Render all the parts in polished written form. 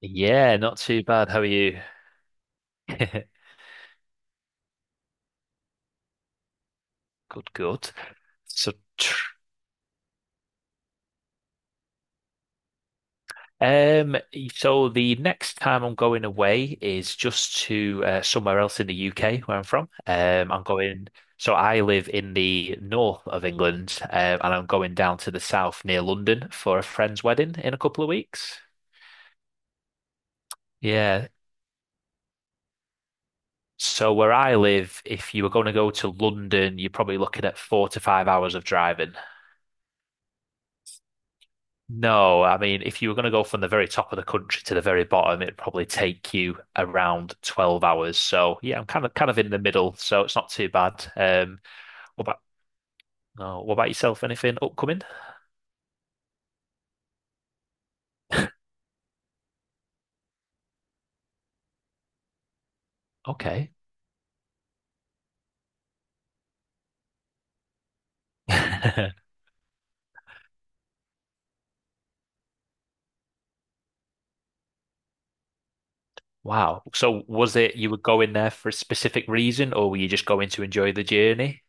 Yeah, not too bad. How are you? Good, good. So, tr um, so the next time I'm going away is just to somewhere else in the UK where I'm from. I'm going. So I live in the north of England, and I'm going down to the south near London for a friend's wedding in a couple of weeks. Yeah. So where I live, if you were going to go to London, you're probably looking at 4 to 5 hours of driving. No, I mean, if you were going to go from the very top of the country to the very bottom, it'd probably take you around 12 hours. So yeah, I'm kind of in the middle, so it's not too bad. What about no, what about yourself? Anything upcoming? Okay. Wow. So was it you were going there for a specific reason, or were you just going to enjoy the journey?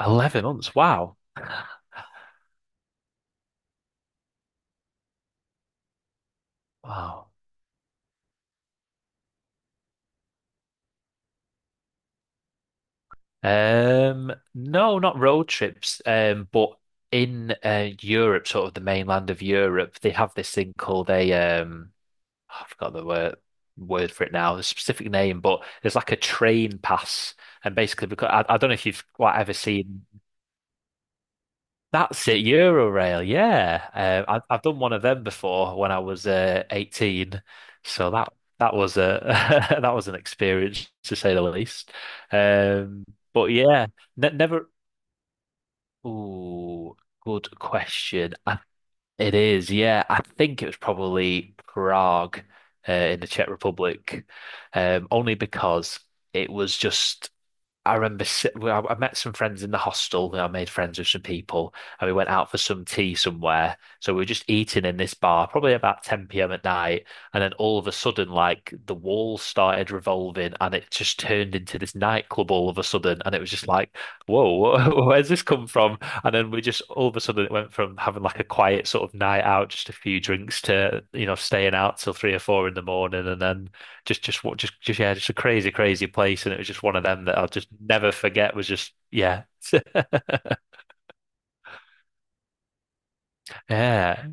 11 months. Wow. Wow. No, not road trips. But in Europe, sort of the mainland of Europe, they have this thing called a um, oh, I forgot the word for it now, the specific name, but there's like a train pass, and basically because I don't know if you've quite ever seen that's it, Eurorail. Yeah, I've done one of them before when I was 18, so that was a that was an experience to say the least. Um, but yeah. Ne never Ooh, good question. It is, yeah. I think it was probably Prague, in the Czech Republic, only because it was just. I remember well, I met some friends in the hostel. I made friends with some people, and we went out for some tea somewhere. So we were just eating in this bar, probably about 10 p.m. at night. And then all of a sudden, like the walls started revolving, and it just turned into this nightclub all of a sudden. And it was just like, whoa, where's this come from? And then we just all of a sudden it went from having like a quiet sort of night out, just a few drinks, to staying out till three or four in the morning, and then just what just yeah, just a crazy, crazy place. And it was just one of them that I'll just never forget was just yeah. Yeah,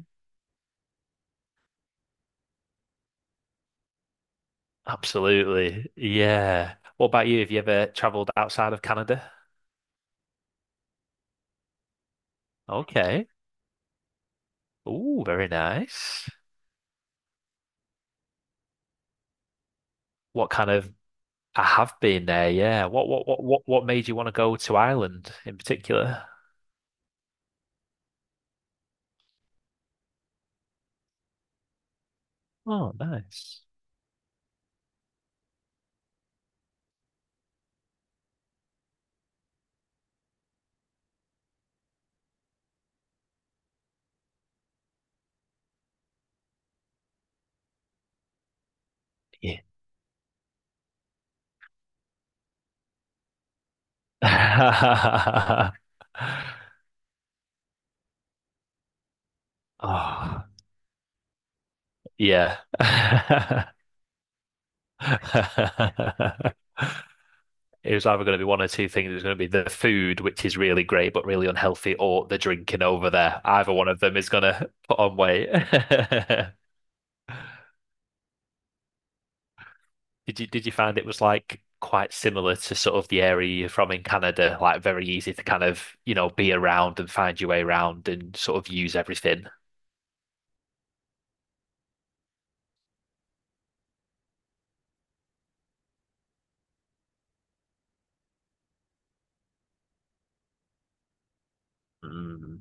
absolutely. Yeah. What about you? Have you ever traveled outside of Canada? Okay. Ooh, very nice. What kind of I have been there, yeah. What made you want to go to Ireland in particular? Oh, nice. Yeah. Oh, yeah. It was either going to be one or two things. It was going to be the food, which is really great but really unhealthy, or the drinking over there. Either one of them is going to put on weight. Did you find it was like quite similar to sort of the area you're from in Canada, like very easy to kind of, you know, be around and find your way around and sort of use everything? Mm,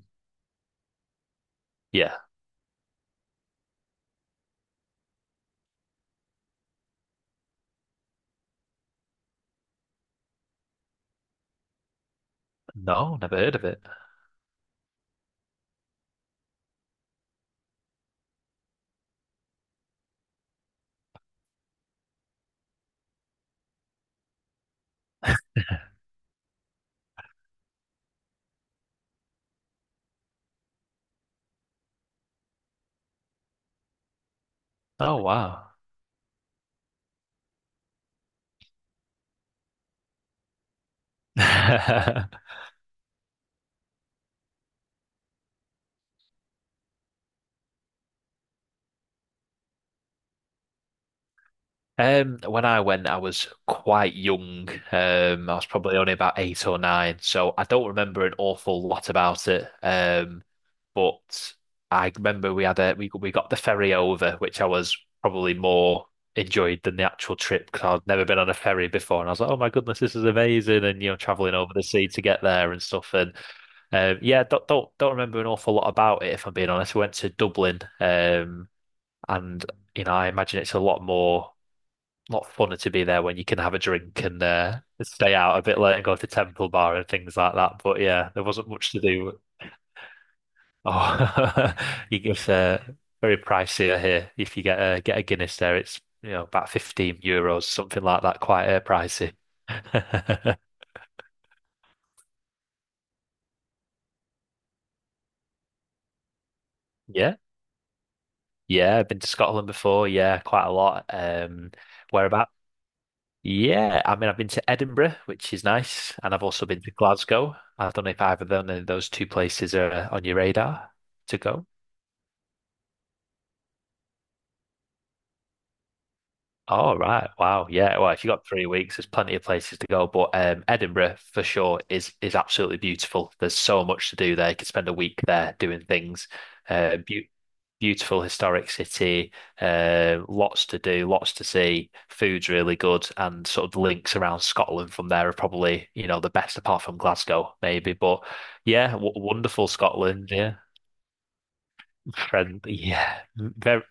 yeah. No, never heard of it. Oh, wow. When I went, I was quite young. I was probably only about eight or nine, so I don't remember an awful lot about it. But I remember we had a we got the ferry over, which I was probably more enjoyed than the actual trip because I'd never been on a ferry before, and I was like, oh my goodness, this is amazing, and you know, traveling over the sea to get there and stuff. And yeah, don't remember an awful lot about it if I'm being honest. We went to Dublin, and you know, I imagine it's a lot more not funner to be there when you can have a drink and stay out a bit late and go to Temple Bar and things like that. But yeah, there wasn't much to do. Oh, you get very pricier here. If you get a Guinness there, it's you know about €15, something like that. Quite pricey. Yeah, yeah. I've been to Scotland before. Yeah, quite a lot. Whereabouts? Yeah, I mean, I've been to Edinburgh, which is nice, and I've also been to Glasgow. I don't know if either of them, of those two places are on your radar to go. Oh, right. Wow. Yeah. Well, if you got three weeks, there's plenty of places to go. But Edinburgh, for sure, is absolutely beautiful. There's so much to do there. You could spend a week there doing things. Uh, beau- Beautiful historic city, lots to do, lots to see. Food's really good, and sort of the links around Scotland from there are probably, you know, the best apart from Glasgow, maybe. But yeah, w Wonderful Scotland. Yeah, friendly. Yeah, very,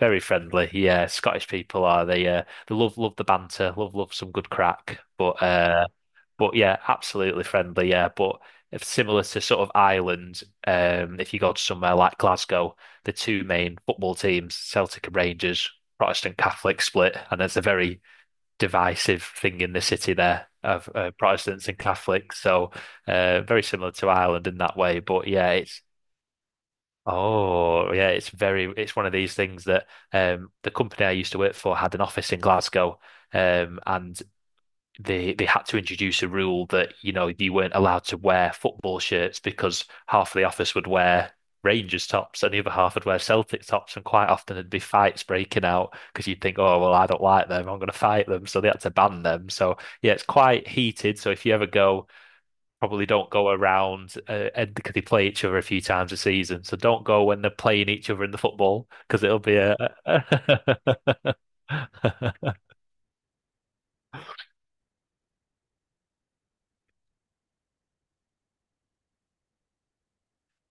very friendly. Yeah, Scottish people are they? They love the banter, love some good crack. But yeah, absolutely friendly. Yeah, but if similar to sort of Ireland, if you go to somewhere like Glasgow, the two main football teams, Celtic and Rangers, Protestant Catholic split, and there's a very divisive thing in the city there of Protestants and Catholics. So very similar to Ireland in that way. But yeah, it's oh yeah, it's very it's one of these things that the company I used to work for had an office in Glasgow, and they had to introduce a rule that you know you weren't allowed to wear football shirts because half of the office would wear Rangers tops and the other half would wear Celtic tops, and quite often there'd be fights breaking out because you'd think, oh well, I don't like them, I'm going to fight them, so they had to ban them. So yeah, it's quite heated. So if you ever go, probably don't go around and because they play each other a few times a season, so don't go when they're playing each other in the football because it'll be a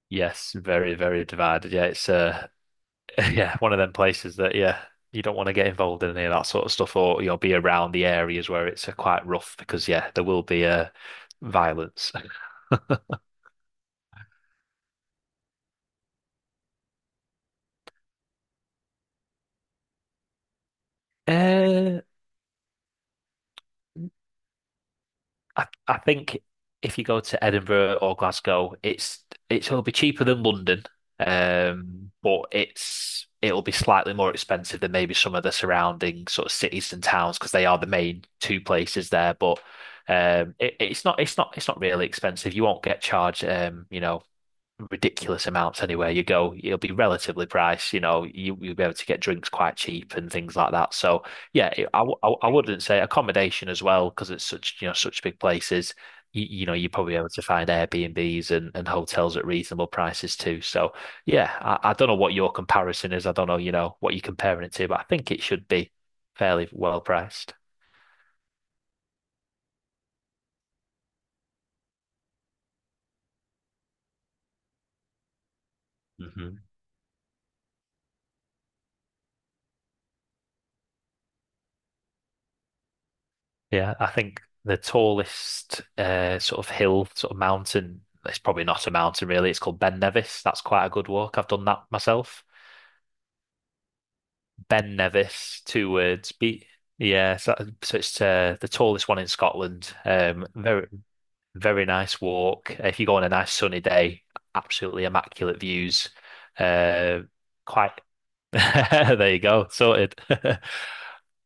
Yes, very, very divided. Yeah, it's yeah, one of them places that yeah, you don't want to get involved in any of that sort of stuff, or you'll be around the areas where it's quite rough because yeah, there will be violence. Uh, I think if you go to Edinburgh or Glasgow, it's it'll be cheaper than London, but it'll be slightly more expensive than maybe some of the surrounding sort of cities and towns because they are the main two places there. But it's not really expensive. You won't get charged, you know ridiculous amounts anywhere you go. It'll be relatively priced, you know, you'll be able to get drinks quite cheap and things like that. So yeah, I wouldn't say accommodation as well because it's such, you know, such big places. You know, you're probably able to find Airbnbs and hotels at reasonable prices too. So yeah, I don't know what your comparison is. I don't know, you know, what you're comparing it to, but I think it should be fairly well priced. hmm Yeah, I think the tallest sort of hill, sort of mountain, it's probably not a mountain really, it's called Ben Nevis. That's quite a good walk. I've done that myself. Ben Nevis, two words. Be yeah, so it's the tallest one in Scotland. Very, very nice walk. If you go on a nice sunny day, absolutely immaculate views. Uh, quite, there you go, sorted.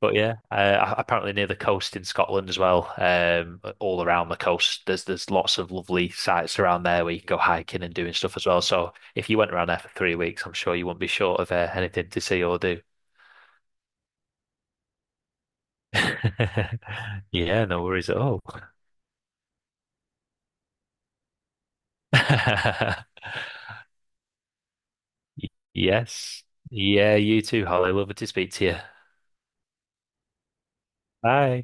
But yeah, apparently near the coast in Scotland as well, all around the coast, there's lots of lovely sites around there where you can go hiking and doing stuff as well. So if you went around there for three weeks, I'm sure you wouldn't be short of anything to see or do. Yeah, no worries at all. Yes. Yeah, you too, Holly. Lovely to speak to you. Bye.